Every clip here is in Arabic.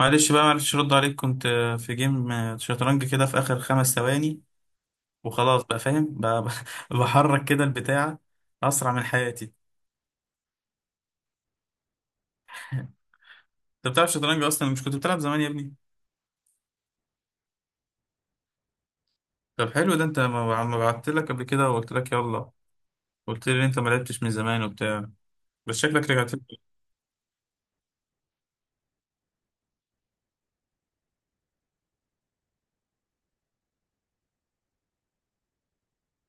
معلش، بقى معلش، رد عليك. كنت في جيم، شطرنج كده في آخر خمس ثواني، وخلاص بقى فاهم بقى بحرك كده البتاع أسرع من حياتي. أنت بتلعب شطرنج أصلا؟ مش كنت بتلعب زمان يا ابني؟ طب حلو، ده أنت ما بعتلك قبل كده وقلت لك يلا، قلت لي إن أنت ما لعبتش من زمان وبتاع، بس شكلك رجعت لي.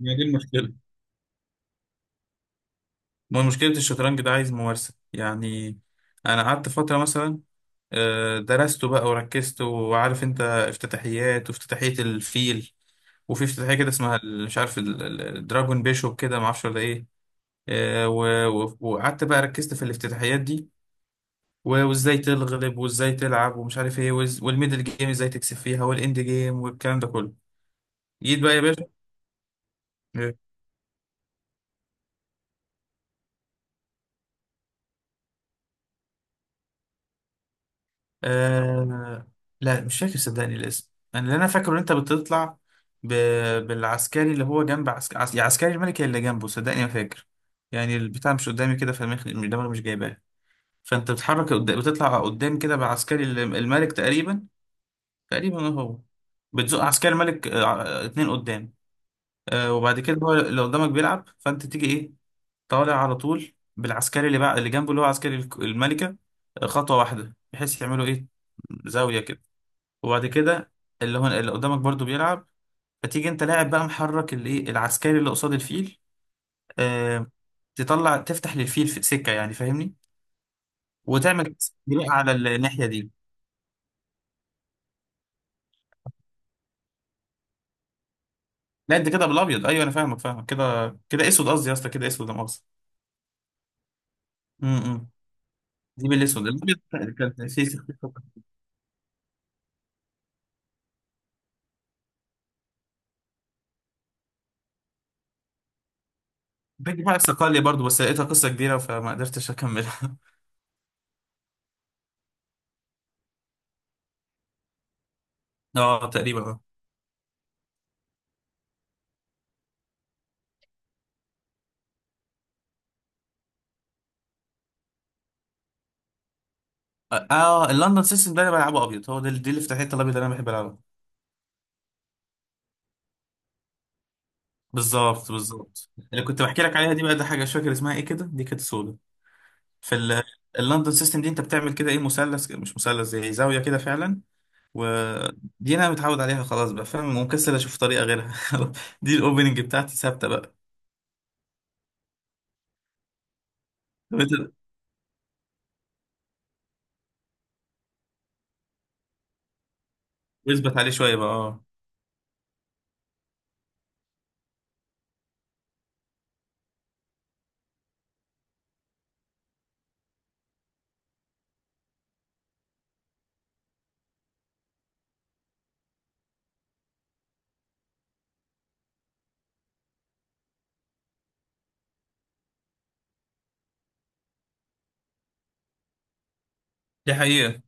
يعني دي المشكلة، ما مشكلة الشطرنج ده عايز ممارسة يعني. أنا قعدت فترة مثلا، درسته بقى وركزت، وعارف أنت افتتاحيات، وافتتاحية الفيل، وفي افتتاحية كده اسمها مش عارف الدراجون بيشوب، كده معرفش ولا إيه. وقعدت بقى ركزت في الافتتاحيات دي، وإزاي تغلب وإزاي تلعب ومش عارف إيه، والميدل جيم إزاي تكسب فيها، والإند جيم والكلام ده كله. جيت بقى يا باشا. آه... لا مش فاكر صدقني الاسم، انا اللي انا فاكره ان انت بتطلع ب... بالعسكري اللي هو جنب يا عسكري الملكي اللي جنبه، صدقني ما فاكر. يعني البتاع مش قدامي كده فالمخ دماغي مش جايباه. فانت بتتحرك بتطلع قدام كده بعسكري الملك تقريبا. تقريبا هو بتزق عسكري الملك، اتنين قدام. وبعد كده هو اللي قدامك بيلعب، فانت تيجي ايه، طالع على طول بالعسكري اللي بقى، اللي جنبه، اللي هو عسكري الملكة، خطوة واحدة، بحيث يعملوا ايه، زاوية كده. وبعد كده اللي هو اللي قدامك برضو بيلعب، فتيجي انت لاعب بقى، محرك الايه، العسكري اللي قصاد الفيل، آه تطلع تفتح للفيل في سكه، يعني فاهمني. وتعمل جريء على الناحيه دي. لا انت كده بالابيض، ايوه انا فاهمك كده كده اسود، قصدي يا اسطى كده اسود انا قصدي. امم، إمم. دي بالاسود، الابيض كان باجي بقى الصقلية برضو، بس لقيتها قصه كبيره فما قدرتش اكملها. اه تقريبا. اه، اه، اللندن سيستم ده انا بلعبه ابيض، هو ده، دي اللي فتحت الابيض اللي انا بحب العبه. بالظبط، بالظبط، اللي كنت بحكي لك عليها دي بقى، ده حاجه مش فاكر اسمها ايه كده، دي كانت سودا. في ال- اللندن سيستم دي انت بتعمل كده ايه، مثلث، مش مثلث، زي زاويه كده فعلا. ودي انا متعود عليها خلاص بقى، فاهم ومكسل اشوف طريقه غيرها. دي الاوبننج بتاعتي ثابته بقى. طب انت اثبت عليه شويه بقى، اه. دي حقيقه،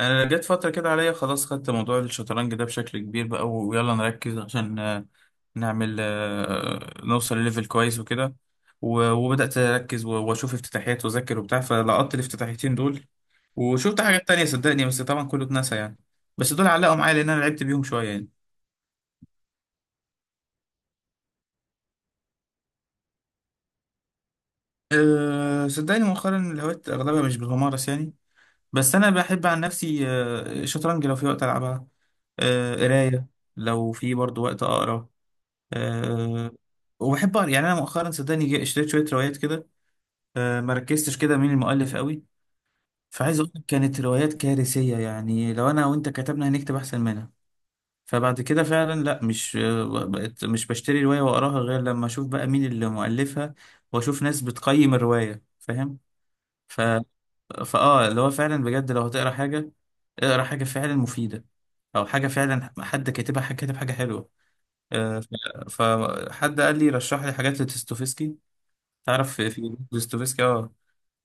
انا جت فتره كده عليا خلاص، خدت موضوع الشطرنج ده بشكل كبير بقى، ويلا نركز عشان نعمل، نوصل لليفل كويس وكده. وبدأت أركز، وأشوف افتتاحيات وأذاكر وبتاع، فلقطت الافتتاحيتين دول. وشفت حاجات تانية صدقني، بس طبعا كله اتنسى يعني، بس دول علقوا معايا لأن أنا لعبت بيهم شوية يعني. أه صدقني مؤخرا الهوايات أغلبها مش بتمارس يعني، بس أنا بحب عن نفسي، شطرنج لو في وقت ألعبها، قراية لو في برضه وقت أقرأ، أه وبحب أقرأ يعني. أنا مؤخرا صدقني، اشتريت شوية روايات كده، مركزتش كده مين المؤلف قوي. فعايز اقول لك كانت روايات كارثية، يعني لو انا وانت كتبنا هنكتب احسن منها. فبعد كده فعلا لا، مش، بقت مش بشتري رواية واقراها غير لما اشوف بقى مين اللي مؤلفها، واشوف ناس بتقيم الرواية، فاهم. ف... فاه اللي هو فعلا بجد، لو هتقرا حاجة اقرا حاجة فعلا مفيدة، او حاجة فعلا حد كاتبها، حد كاتب حاجة حلوة. آه، ف- فحد قال لي رشح لي حاجات لدوستويفسكي. تعرف في دوستويفسكي؟ اه.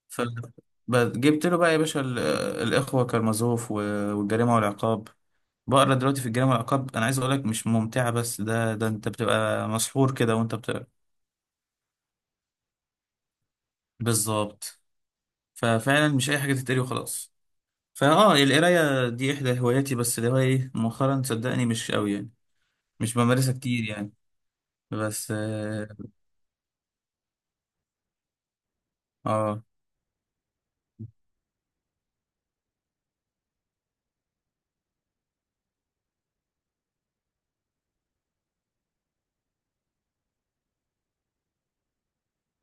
فجبت له بقى يا باشا الإخوة كارمازوف والجريمة والعقاب. بقرا دلوقتي في الجريمة والعقاب، أنا عايز أقول لك مش ممتعة بس ده أنت بتبقى مسحور كده وأنت بتقرا. بالظبط. ففعلا مش أي حاجة تتقري وخلاص. فأه القراية دي إحدى هواياتي، بس اللي هو إيه مؤخرا صدقني مش قوي يعني، مش بمارسها كتير يعني بس آه.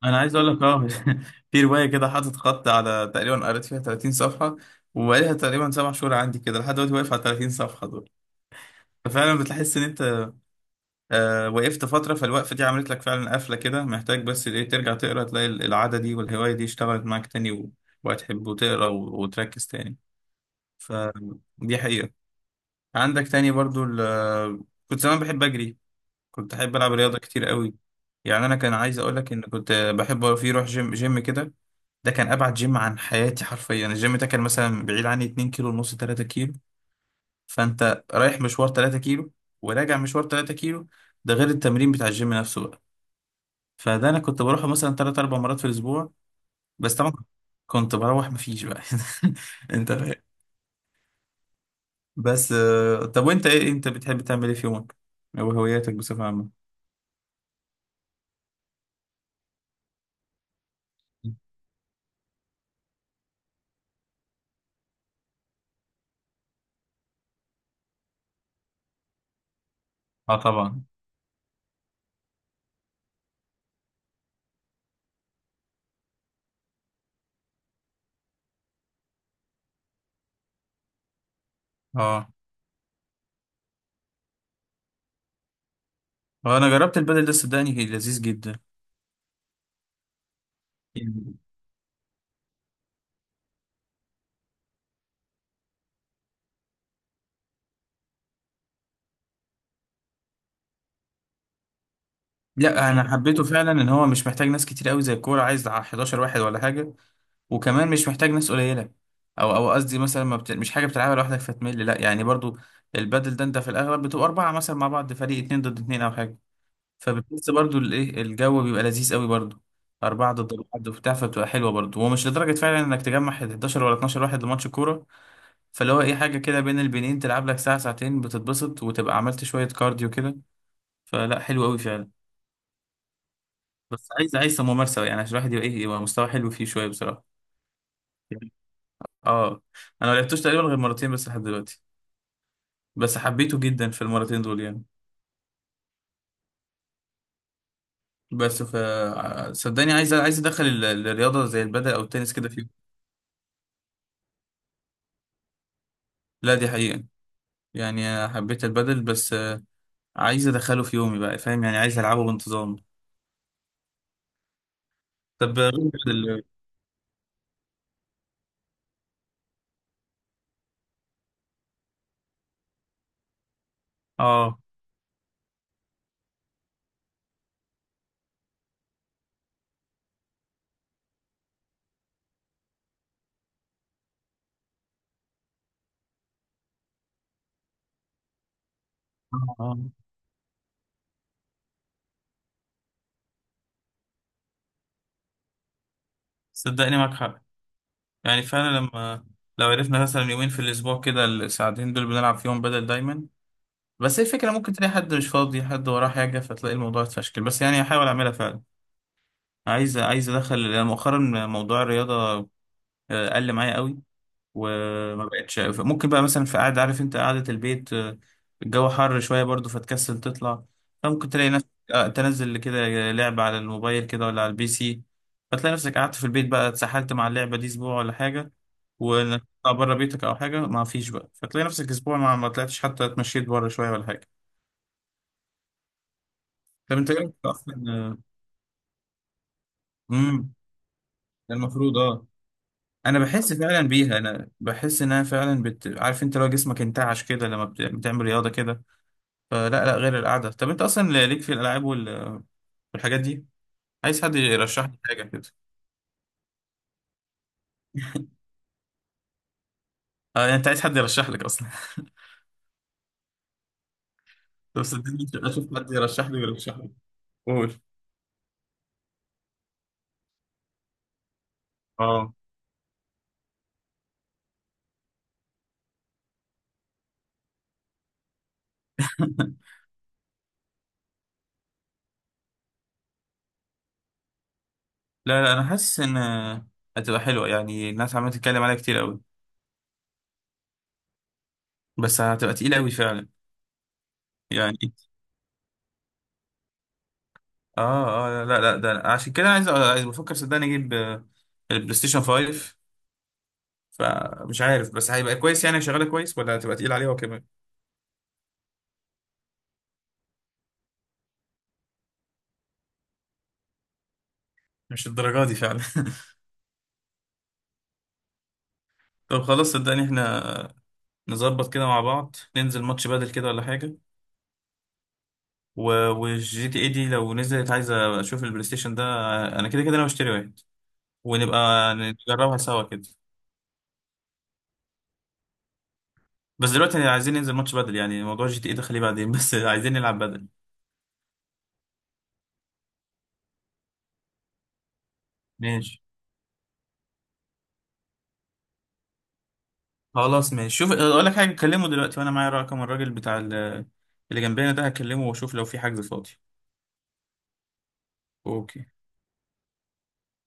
أنا عايز أقول لك، في رواية كده حاطط خط على، تقريبا قريت فيها 30 صفحة، وبقالها تقريبا سبع شهور عندي كده لحد دلوقتي واقف على 30 صفحة. فعلا بتحس ان انت وقفت فتره، فالوقفه دي عملت لك فعلا قفله كده، محتاج بس ايه ترجع تقرا، تلاقي العاده دي والهوايه دي اشتغلت معاك تاني، وهتحب وتقرا، وتركز تاني. فدي حقيقه. عندك تاني برضو، كنت زمان بحب اجري، كنت احب العب رياضه كتير قوي. يعني انا كان عايز اقول لك ان كنت بحب، في روح جيم كده، ده كان ابعد جيم عن حياتي حرفيا، الجيم ده كان مثلا بعيد عني 2 كيلو ونص، 3. فانت رايح مشوار 3 كيلو، وراجع مشوار 3 كيلو، ده غير التمرين بتاع الجيم نفسه بقى. فده انا كنت بروحه مثلا 3 4 مرات في الاسبوع، بس طبعا كنت بروح مفيش بقى. انت فاهم. بس آه، طب وانت ايه، انت بتحب تعمل ايه في يومك، او هواياتك بصفة عامة؟ اه طبعا. اه، انا جربت البدل ده صدقني كان لذيذ جدا. يعني لا، انا حبيته فعلا ان هو مش محتاج ناس كتير قوي زي الكوره عايز 11 واحد ولا حاجه، وكمان مش محتاج ناس قليله، او قصدي مثلا، ما بت... مش حاجه بتلعبها لوحدك فتمل، لا يعني برضو البادل ده انت في الاغلب بتبقى اربعه مثلا مع بعض، فريق اتنين ضد اتنين او حاجه. فبتحس برضو الايه، الجو بيبقى لذيذ قوي برضو، أربعة ضد بعض وبتاع، فبتبقى حلوة برضه. هو مش لدرجة فعلا إنك تجمع 11 ولا 12 واحد لماتش كورة، فاللي هو إيه حاجة كده بين البنين، تلعب لك ساعة ساعتين بتتبسط وتبقى عملت شوية كارديو كده. فلا حلو قوي فعلا. بس عايز ممارسة، يعني عشان الواحد يبقى إيه، يبقى مستوى حلو فيه شوية بصراحة. اه. انا ما لعبتوش تقريبا غير مرتين بس لحد دلوقتي، بس حبيته جدا في المرتين دول يعني. بس ف صدقني عايز ادخل الرياضه زي البدل او التنس كده فيه. لا دي حقيقه، يعني حبيت البدل، بس عايز ادخله في يومي بقى فاهم يعني، عايز العبه بانتظام. طب غير ال- اه آه. صدقني معاك حق، يعني فعلا لما، لو عرفنا مثلا يومين في الاسبوع كده الساعتين دول بنلعب فيهم بدل دايما. بس هي الفكره، ممكن تلاقي حد مش فاضي، حد وراه حاجه، فتلاقي الموضوع اتفشكل، بس يعني هحاول اعملها فعلا. عايز ادخل، لأن مؤخرا موضوع الرياضه قل معايا قوي، وما بقتش ممكن بقى، مثلا في قعده عارف انت قعده البيت، الجو حر شويه برضو فتكسل تطلع، فممكن تلاقي نفسك تنزل كده لعبه على الموبايل كده ولا على البي سي، فتلاقي نفسك قعدت في البيت بقى اتسحلت مع اللعبه دي اسبوع ولا حاجه، وانك تطلع بره بيتك او حاجه ما فيش بقى، فتلاقي نفسك اسبوع ما طلعتش حتى اتمشيت بره شويه ولا حاجه. طب انت ايه رأيك اصلا، امم المفروض اه. انا بحس فعلا بيها، انا بحس انها فعلا عارف انت لو جسمك انتعش كده لما بتعمل رياضه كده، فلا، لا غير القعده. طب انت اصلا ليك في الالعاب والحاجات دي، عايز حد يرشح لك حاجه كده؟ اه يعني انت عايز حد يرشح لك اصلا؟ طب صدقني مش هبقى اشوف حد يرشح لي ويرشح لي، قول. اه لا، لا، انا حاسس ان هتبقى حلوه، يعني الناس عماله تتكلم عليها كتير قوي، بس هتبقى تقيله قوي فعلا يعني. اه، اه، لا، لا، لا، ده عشان كده عايز بفكر صدقني اجيب، البلاي ستيشن 5. فمش عارف بس هيبقى كويس، يعني شغاله كويس ولا هتبقى تقيل عليه هو كمان؟ مش الدرجه دي فعلا. طب خلاص صدقني احنا نظبط كده مع بعض، ننزل ماتش بدل كده ولا حاجه، والجي تي اي دي لو نزلت عايزه اشوف البلاي ستيشن ده، انا كده كده انا بشتري واحد ونبقى نجربها سوا كده. بس دلوقتي عايزين ننزل ماتش بدل يعني، موضوع جي تي اي ده خليه بعدين. بس عايزين نلعب بدل. ماشي خلاص ماشي، شوف اقول لك حاجه، كلمه دلوقتي وانا معايا رقم الراجل بتاع اللي جنبنا ده، هكلمه واشوف لو في حجز فاضي. اوكي.